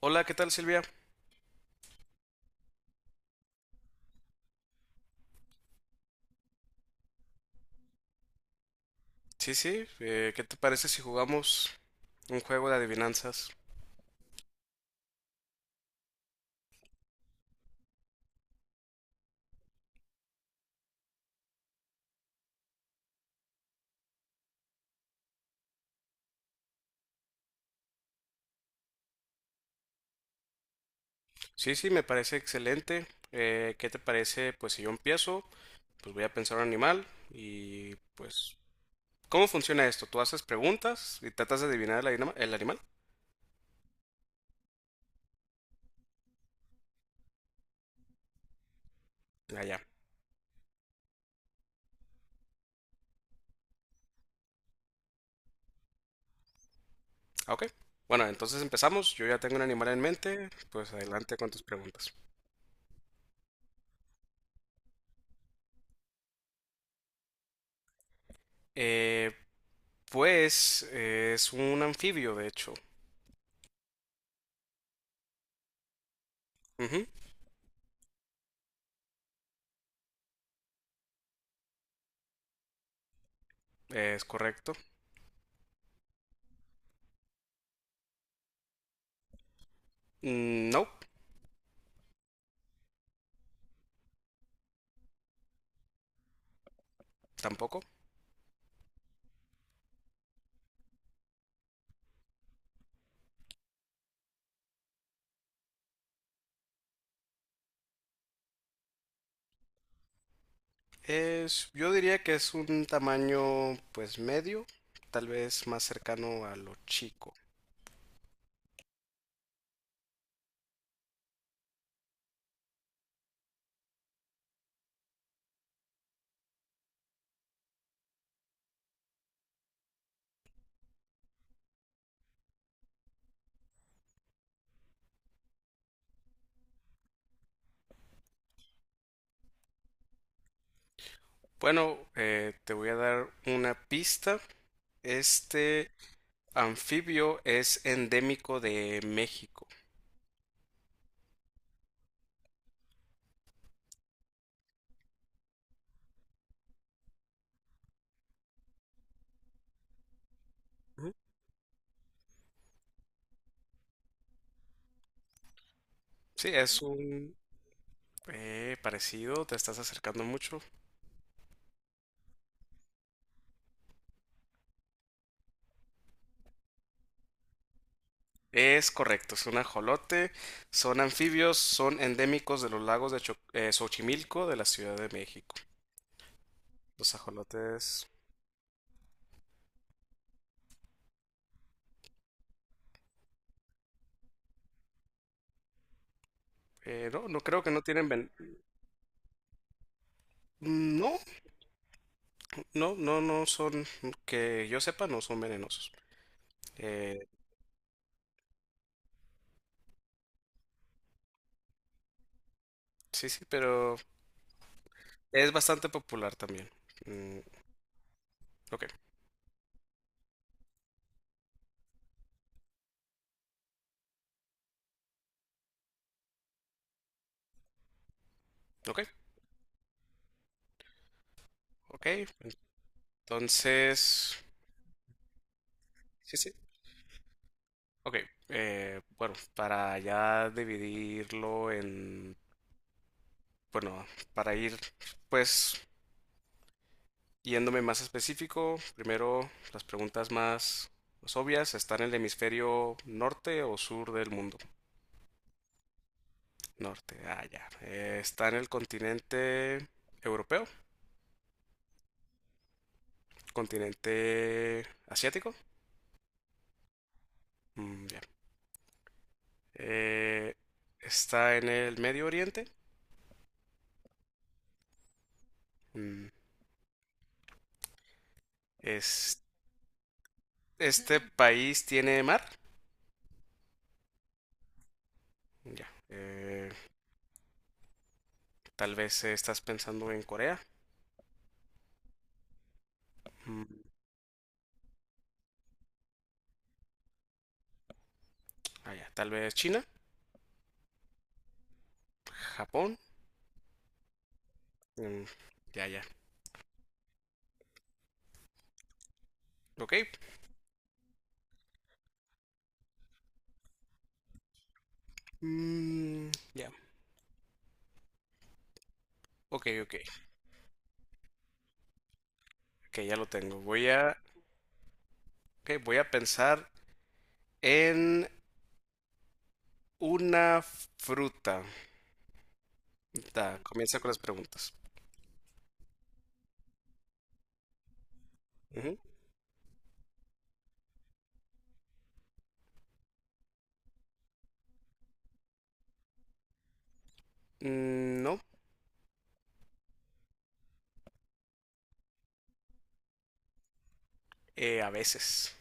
Hola, ¿qué tal Silvia? Sí, sí, ¿qué te parece si jugamos un juego de adivinanzas? Sí, sí, me parece excelente. ¿Qué te parece? Pues si yo empiezo, pues voy a pensar un animal ¿cómo funciona esto? ¿Tú haces preguntas y tratas de adivinar el animal? Ah, ya. Ah, ok. Bueno, entonces empezamos. Yo ya tengo un animal en mente, pues adelante con tus preguntas. Eh, es un anfibio, de hecho. Ujú, es correcto. Mm, no, tampoco. Es, yo diría que es un tamaño pues medio, tal vez más cercano a lo chico. Bueno, te voy a dar una pista. Este anfibio es endémico de México. Ujú. Sí, es un parecido, te estás acercando mucho. Es correcto, es un ajolote. Son anfibios, son endémicos de los lagos de Xochimilco de la Ciudad de México. Los ajolotes, no, no creo que no tienen ven- No, no, no, no son, que yo sepa, no son venenosos. Eh, sí, sí, pero es bastante popular también. Mm, ok, ok, ok. Entonces, sí, sí. Ok, bueno, para ya dividirlo en, bueno, para ir, pues, yéndome más específico, primero las preguntas más, más obvias. ¿Está en el hemisferio norte o sur del mundo? Norte, ah, ya. ¿Está en el continente europeo? Continente asiático. Mm, ya. Eh, Está en el Medio Oriente. Mm, es, este país tiene mar. Ya. Tal vez estás pensando en Corea. Mm, ah, ya. Tal vez China. Japón. Mm, ya, ya. Ok. Mm, ya. Ok, ok. Ok, ya lo tengo. Ok, voy a pensar en una fruta. Da, comienza con las preguntas. Ujú. Mm, no. A veces.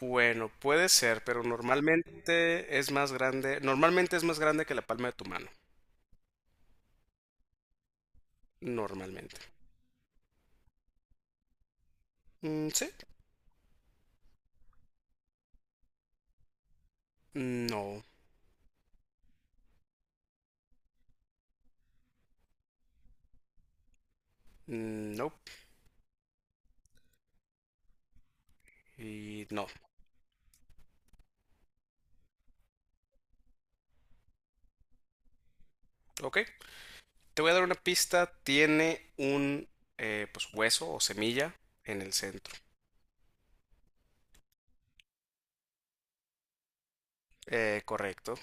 Bueno, puede ser, pero normalmente es más grande. Normalmente es más grande que la palma de tu mano. Normalmente. Mm, ¿sí? No. Mm, no. Y no. Ok. Te voy a dar una pista. Tiene un pues hueso o semilla en el centro. Correcto.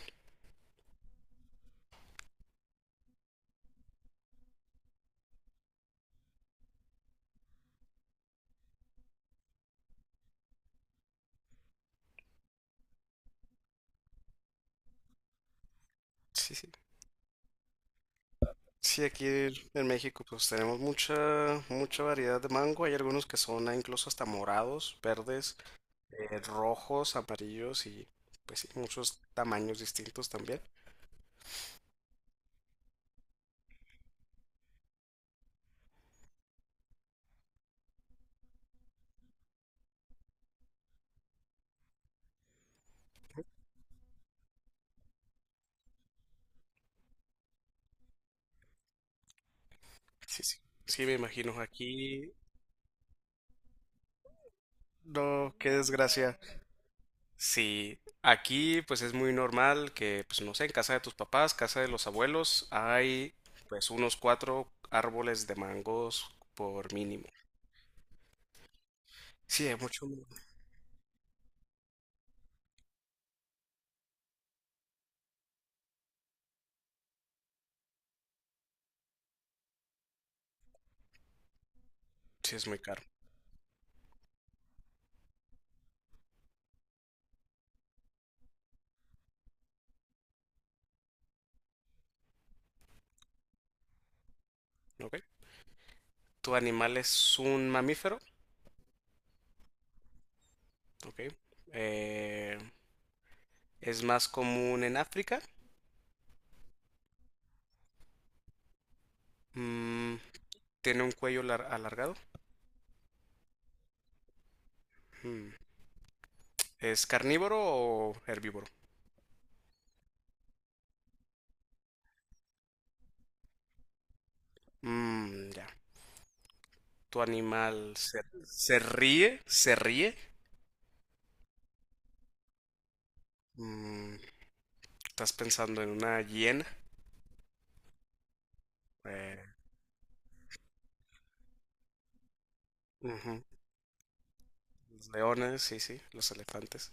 Sí, sí. Sí, aquí en México pues tenemos mucha variedad de mango. Hay algunos que son ah, incluso hasta morados, verdes. Rojos, amarillos y pues sí, muchos tamaños distintos también. Sí, sí. Sí, me imagino. Aquí, no, qué desgracia. Sí, aquí pues es muy normal que, pues no sé, en casa de tus papás, casa de los abuelos, hay pues unos cuatro árboles de mangos por mínimo. Sí, es mucho. Sí, es muy caro. Ok. ¿Tu animal es un mamífero? Ok. Eh, ¿Es más común en África? Mm, ¿tiene un cuello alargado? Mm. ¿Es carnívoro o herbívoro? Mm, ya. ¿Tu animal se ríe? ¿Se ríe? Mm, ¿estás pensando en una hiena? Eh, ujú. Los leones, sí, sí, los elefantes.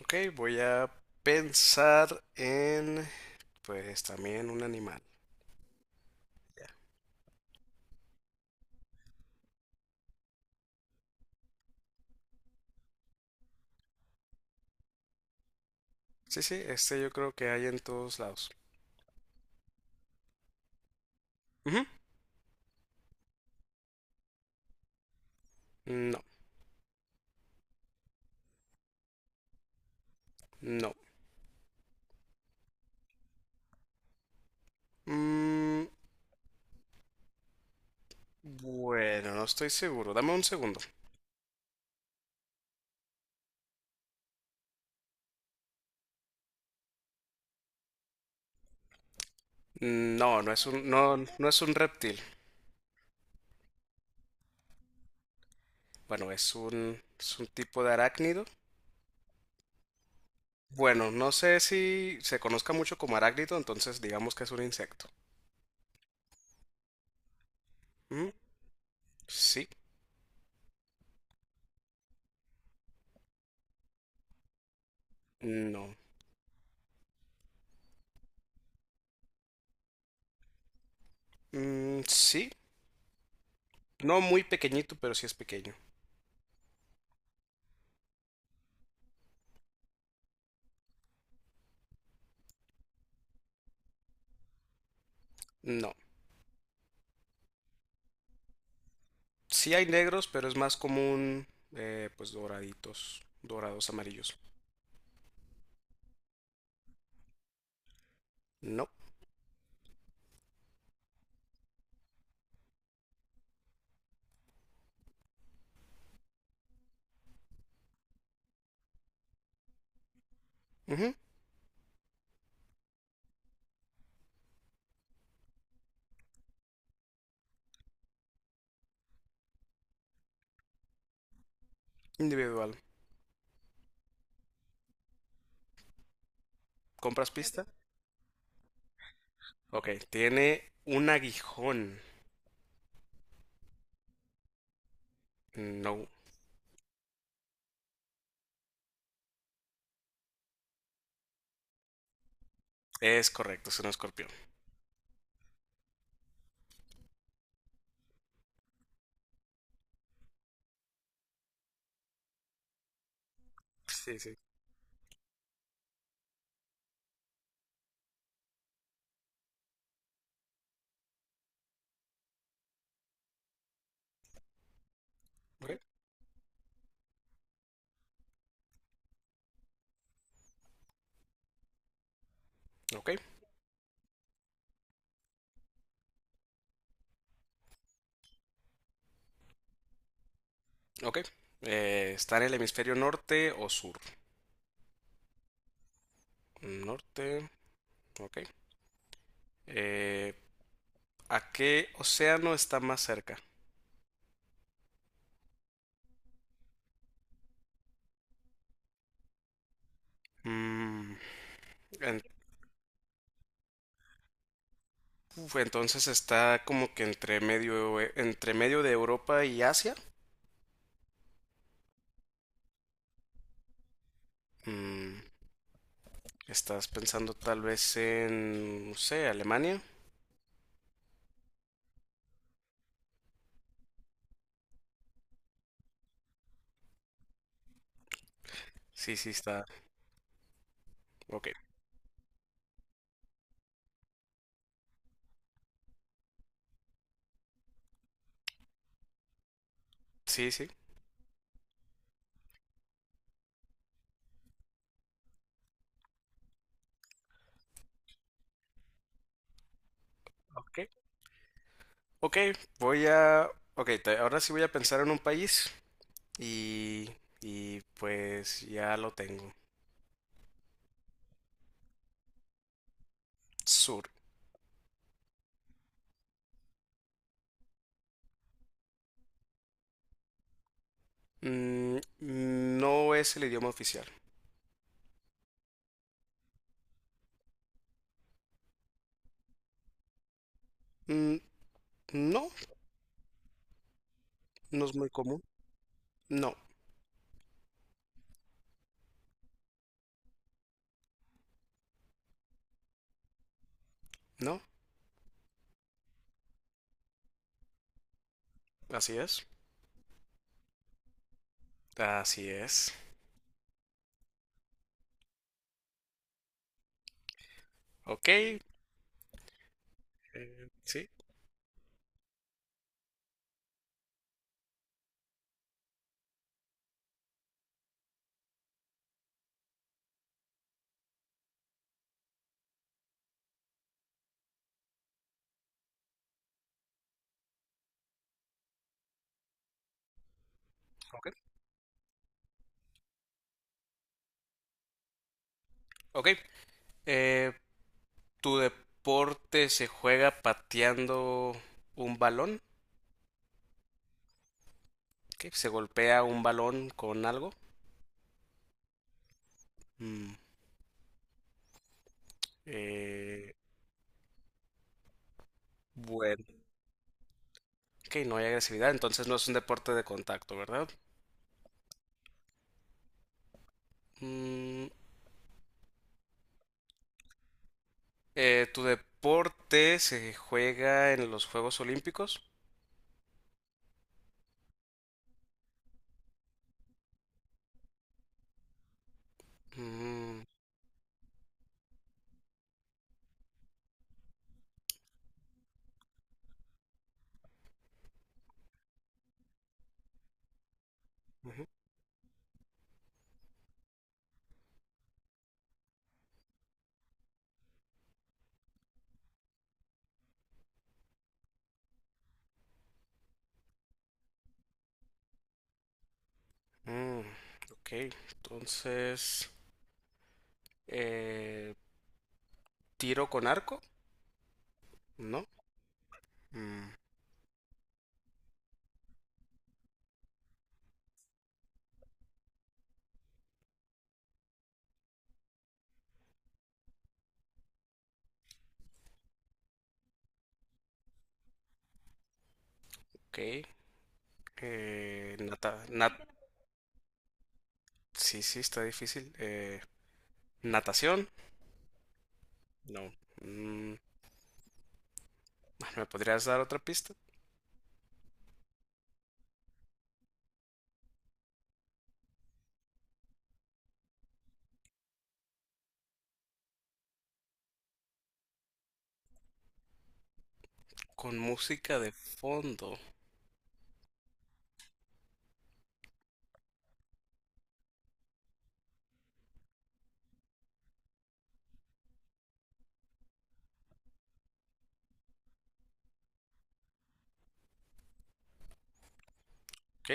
Ok, voy a pensar en, pues también un animal. Ya. Sí, sí, este yo creo que hay en todos lados. Ujú. No, no. Mm, bueno, no estoy seguro. Dame un segundo. No, no, no es un reptil. Bueno, es un tipo de arácnido. Bueno, no sé si se conozca mucho como arácnido, entonces digamos que es un insecto. Mm, sí, no. Mm, sí, no muy pequeñito, pero sí es pequeño. No. Sí hay negros, pero es más común, pues doraditos, dorados amarillos. No. Ujú, individual. ¿Compras pista? Ok, tiene un aguijón. No, es correcto, es un escorpión. Sí, sí. Ok, ok. Ok. ¿Está en el hemisferio norte o sur? Norte. Ok. Eh, ¿A qué océano está más cerca? Mm, en- uf, entonces está como que entre medio de Europa y Asia. Mm, ¿estás pensando tal vez en, no sé, Alemania? Sí, sí, está. Ok. Sí, sí. Ok. Ok, voy a... Ok, ahora sí voy a pensar en un país y... Y pues ya lo tengo. Sur. Mm, no es el idioma oficial. Mm, no, no es muy común. No, no, así es. Así es. Ok, sí, ok. Ok, eh, ¿tu deporte se juega pateando un balón? ¿Qué? ¿Se golpea un balón con algo? Mm, eh, bueno, ok, no hay agresividad, entonces no es un deporte de contacto, ¿verdad? Mm, ¿Tu deporte se juega en los Juegos Olímpicos? Mm, ujú, mm, ok, entonces eh, tiro con arco, ¿no? Mm, ok, eh, nata, nat, sí, sí, está difícil. Natación, no. Mm, ¿me podrías dar otra pista? Con música de fondo. Ok,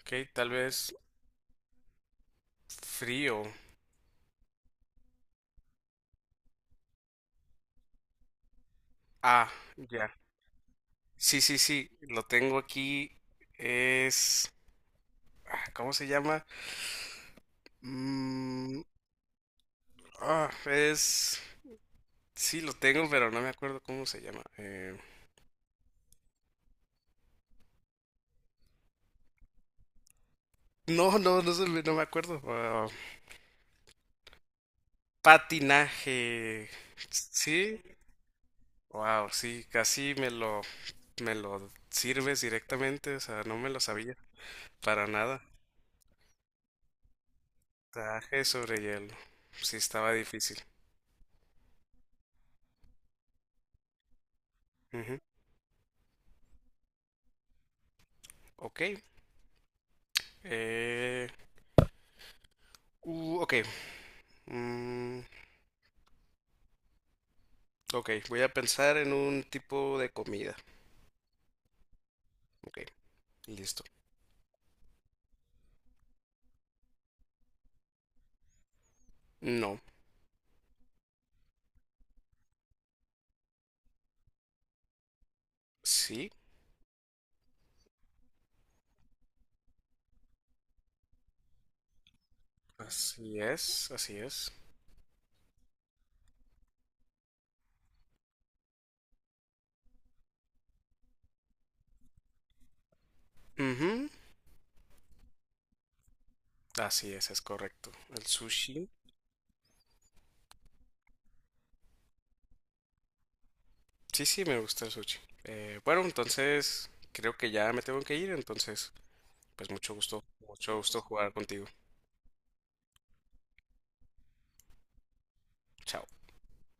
ok, tal vez frío. Ah, ya. Sí, sí, sí, lo tengo aquí. Es, ¿cómo se llama? Mm, ah, es sí, lo tengo, pero no me acuerdo cómo se llama. No, no, no, no me acuerdo. Ah, patinaje. Sí, wow, sí, me lo sirves directamente, o sea, no me lo sabía para nada. Traje sobre hielo. Sí, estaba difícil. Ujú. Ok. Eh, ok. Mm, ok, voy a pensar en un tipo de comida. Ok, listo. No, sí, así es, así es. Ujú, así es correcto. El sushi. Sí, sí, me gusta el sushi. Bueno, entonces creo que ya me tengo que ir, entonces pues mucho gusto jugar contigo. Chao.